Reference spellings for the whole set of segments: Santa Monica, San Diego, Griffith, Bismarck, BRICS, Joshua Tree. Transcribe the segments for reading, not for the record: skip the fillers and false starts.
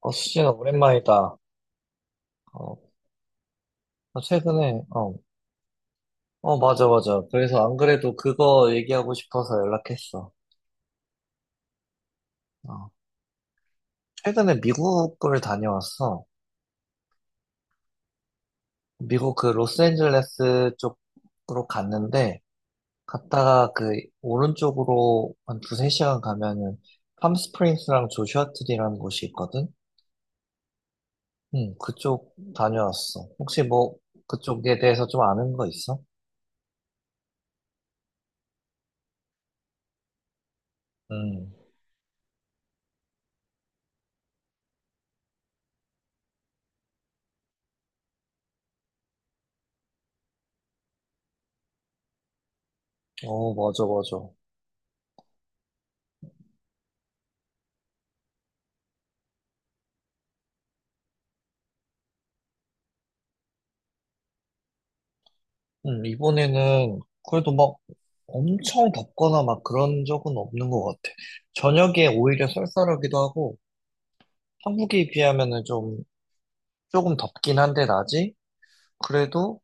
수진아, 오랜만이다. 어, 나 최근에, 어, 어, 맞아, 맞아. 그래서 안 그래도 그거 얘기하고 싶어서 연락했어. 어, 최근에 미국을 다녀왔어. 미국 그 로스앤젤레스 쪽으로 갔는데, 갔다가 오른쪽으로 한 두세 시간 가면은 팜스프링스랑 조슈아트리라는 곳이 있거든? 응, 그쪽 다녀왔어. 혹시 뭐, 그쪽에 대해서 좀 아는 거 있어? 응, 어, 맞아, 맞아. 이번에는 그래도 막 엄청 덥거나 막 그런 적은 없는 것 같아. 저녁에 오히려 쌀쌀하기도 하고, 한국에 비하면은 좀, 조금 덥긴 한데, 낮이? 그래도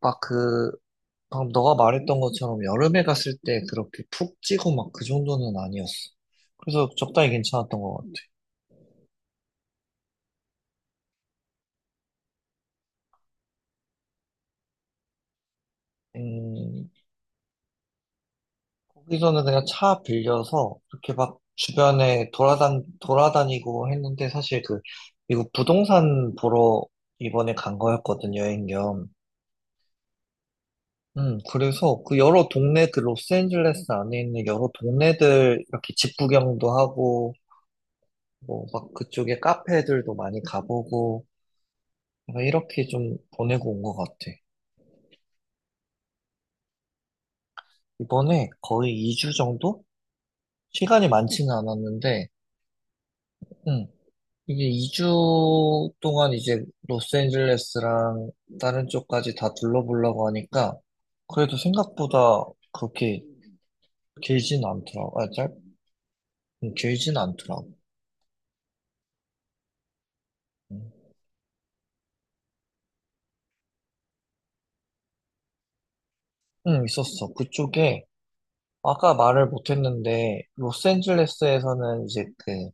막 그, 방금 너가 말했던 것처럼 여름에 갔을 때 그렇게 푹 찌고 막 그 정도는 아니었어. 그래서 적당히 괜찮았던 것 같아. 음, 거기서는 그냥 차 빌려서 이렇게 막 주변에 돌아다니고 했는데 사실 그 미국 부동산 보러 이번에 간 거였거든, 여행 겸. 그래서 그 여러 동네, 그 로스앤젤레스 안에 있는 여러 동네들 이렇게 집 구경도 하고, 뭐 막 그쪽에 카페들도 많이 가보고, 내가 이렇게 좀 보내고 온 것 같아. 이번에 거의 2주 정도? 시간이 많지는 않았는데, 음, 이게 2주 동안 이제 로스앤젤레스랑 다른 쪽까지 다 둘러보려고 하니까 그래도 생각보다 그렇게 길진 않더라고. 길진 않더라고. 음, 있었어. 그쪽에 아까 말을 못했는데 로스앤젤레스에서는 이제 그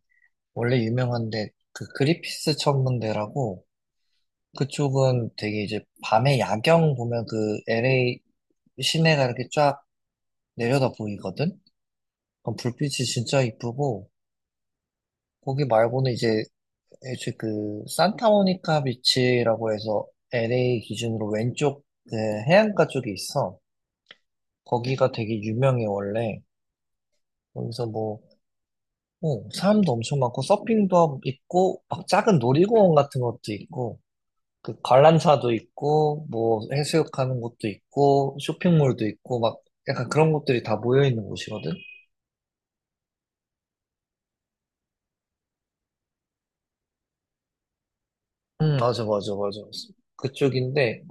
원래 유명한데 그 그리피스 천문대라고, 그쪽은 되게 이제 밤에 야경 보면 그 LA 시내가 이렇게 쫙 내려다 보이거든. 그럼 불빛이 진짜 이쁘고, 거기 말고는 이제 애초에 그 산타모니카 비치라고 해서 LA 기준으로 왼쪽 그 해안가 쪽에 있어. 거기가 되게 유명해 원래. 거기서 뭐 어, 사람도 엄청 많고 서핑도 함- 있고 막 작은 놀이공원 같은 것도 있고 그 관람차도 있고 뭐 해수욕하는 곳도 있고 쇼핑몰도 있고 막 약간 그런 곳들이 다 모여 있는 곳이거든. 음, 맞아, 맞아, 맞아. 그쪽인데.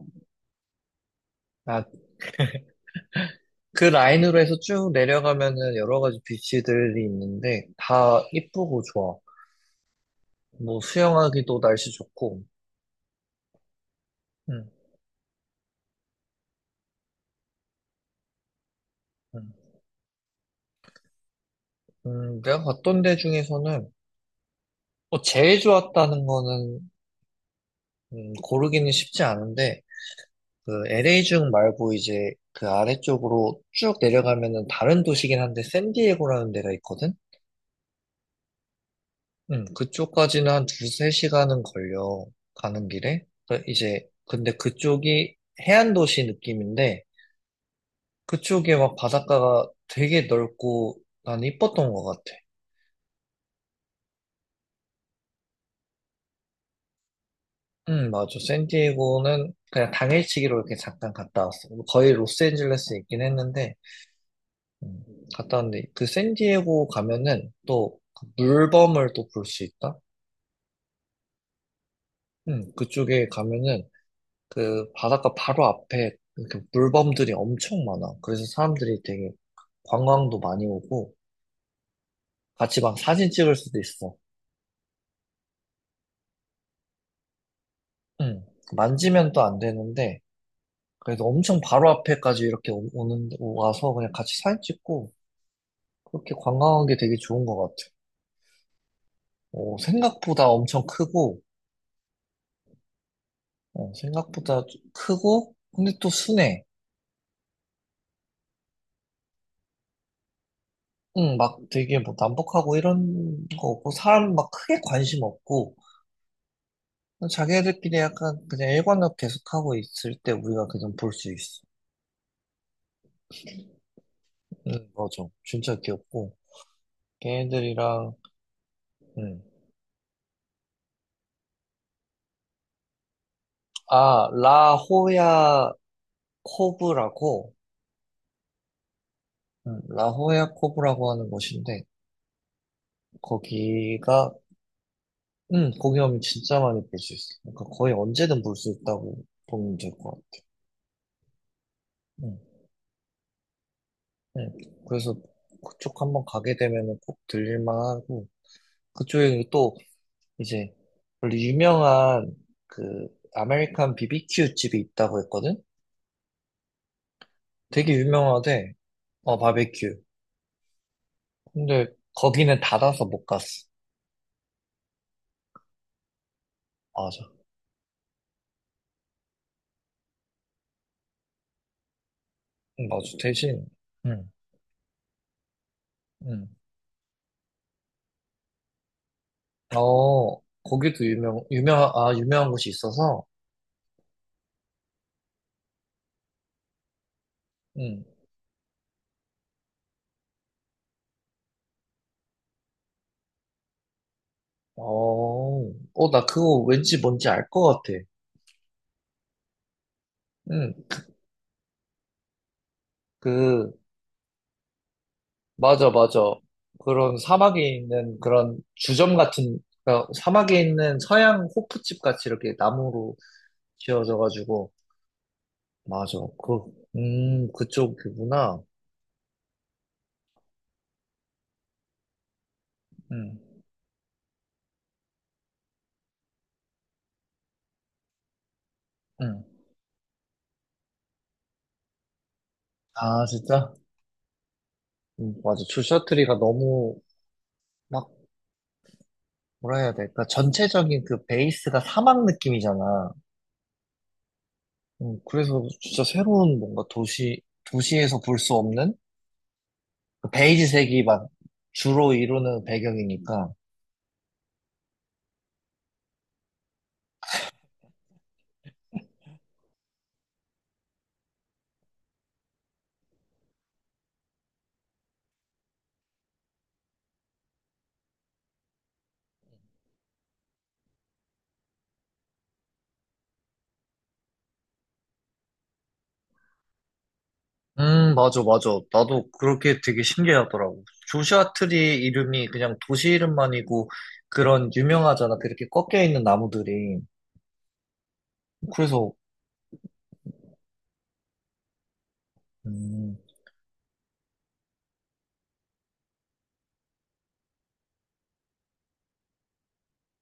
아, 그 라인으로 해서 쭉 내려가면은 여러 가지 비치들이 있는데 다 이쁘고 좋아. 뭐 수영하기도 날씨 좋고. 음, 음. 내가 갔던 데 중에서는 뭐 제일 좋았다는 거는, 고르기는 쉽지 않은데 그 LA 중 말고 이제 그 아래쪽으로 쭉 내려가면은 다른 도시긴 한데 샌디에고라는 데가 있거든. 그쪽까지는 한 두세 시간은 걸려 가는 길에. 그 이제 근데 그쪽이 해안 도시 느낌인데 그쪽에 막 바닷가가 되게 넓고 난 이뻤던 것 같아. 응, 맞아. 샌디에고는 그냥 당일치기로 이렇게 잠깐 갔다 왔어. 거의 로스앤젤레스에 있긴 했는데, 음, 그 샌디에고 가면은 또그 물범을 또 볼 수 있다? 응, 그쪽에 가면은 그 바닷가 바로 앞에 이렇게 물범들이 엄청 많아. 그래서 사람들이 되게 관광도 많이 오고, 같이 막 사진 찍을 수도 있어. 응, 만지면 또 안 되는데, 그래서 엄청 바로 앞에까지 이렇게 와서 그냥 같이 사진 찍고, 그렇게 관광한 게 되게 좋은 것 같아. 어, 생각보다 엄청 크고, 어, 생각보다 좀 크고, 근데 또 순해. 응, 막 되게 뭐 남북하고 이런 거 없고, 사람 막 크게 관심 없고, 자기들끼리 약간 그냥 일관력 계속하고 있을 때 우리가 그냥 볼 수 있어. 응, 맞아. 진짜 귀엽고, 걔네들이랑, 응. 아, 라호야 코브라고, 라호야코브라고 하는 곳인데 거기가 거기 가면 진짜 많이 볼 수 있어. 그러니까 거의 언제든 볼 수 있다고 보면 될 것 같아. 음, 음. 그래서 그쪽 한번 가게 되면은 꼭 들릴만 하고 그쪽에 또 이제 원래 유명한 그 아메리칸 비비큐 집이 있다고 했거든. 되게 유명하대. 어 바베큐. 근데 거기는 닫아서 못 갔어. 맞아. 응, 맞아. 대신 응. 응. 어, 거기도 유명한 곳이 있어서, 응. 나 그거 왠지 뭔지 알 것 같아. 응, 그, 맞아, 맞아. 그런 사막에 있는 그런 주점 같은, 그러니까 사막에 있는 서양 호프집 같이 이렇게 나무로 지어져가지고, 맞아. 그쪽이구나. 응, 응. 아, 진짜? 음, 맞아. 막, 뭐라 해야 될까? 전체적인 그 베이스가 사막 느낌이잖아. 그래서 진짜 새로운 뭔가 도시에서 볼 수 없는 그 베이지색이 막 주로 이루는 배경이니까. 맞아, 맞아. 나도 그렇게 되게 신기하더라고. 조슈아 트리 이름이 그냥 도시 이름만이고 그런 유명하잖아. 그렇게 꺾여 있는 나무들이. 그래서, 음,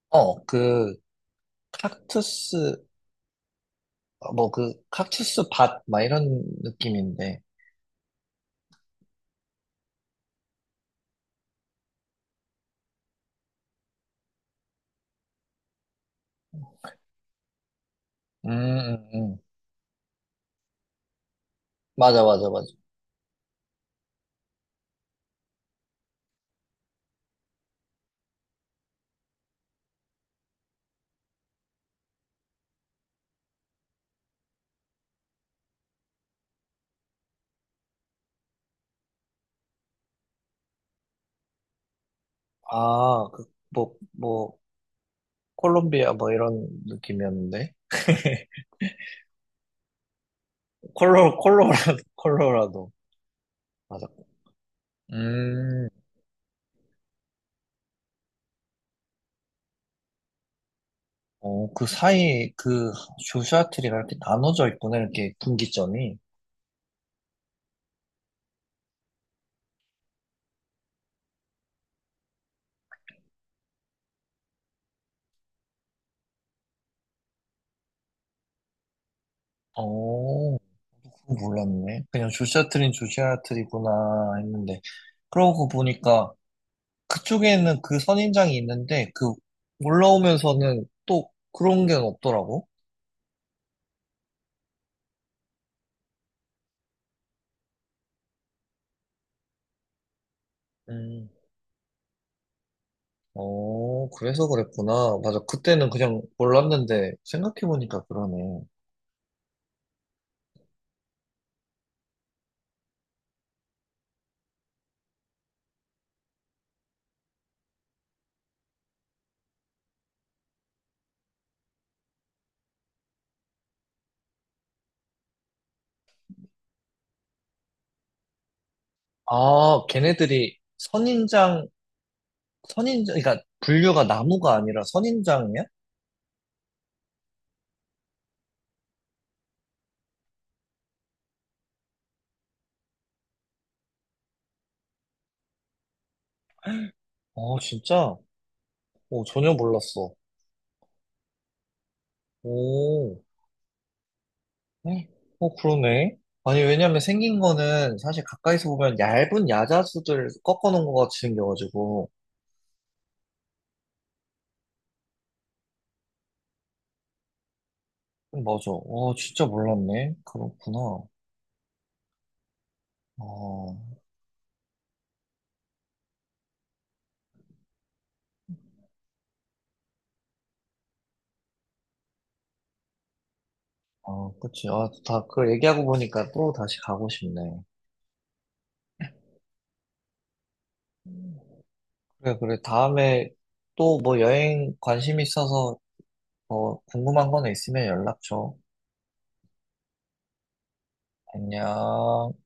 어, 그, 칵투스, 어, 뭐 그, 칵투스 밭, 막 이런 느낌인데. 음, 음, 음. 맞아, 맞아, 맞아. 아, 그, 뭐, 뭐, 콜롬비아 뭐 이런 느낌이었는데 콜로 콜로라 콜로라도 맞아. 음, 어, 그 사이 그 조슈아트리가 이렇게 나눠져 있구나 이렇게 분기점이. 어, 그거 몰랐네. 그냥 조슈아트리는 조슈아트리구나 했는데 그러고 보니까 그쪽에는 그 선인장이 있는데 그 올라오면서는 또 그런 게 없더라고. 음. 어, 그래서 그랬구나. 맞아. 그때는 그냥 몰랐는데 생각해 보니까 그러네. 아, 걔네들이 선인장, 그러니까 분류가 나무가 아니라 선인장이야? 아, 진짜? 오, 전혀 몰랐어. 오, 에? 어, 그러네. 아니, 왜냐면 생긴 거는 사실 가까이서 보면 얇은 야자수들 꺾어놓은 것 같이 생겨가지고. 맞아. 와, 진짜 몰랐네. 그렇구나. 어, 아, 그치. 그 얘기하고 보니까 또 다시 가고 싶네. 그래, 그래. 다음에 또 뭐 여행 관심 있어서 뭐 궁금한 거는 있으면 연락 줘. 안녕.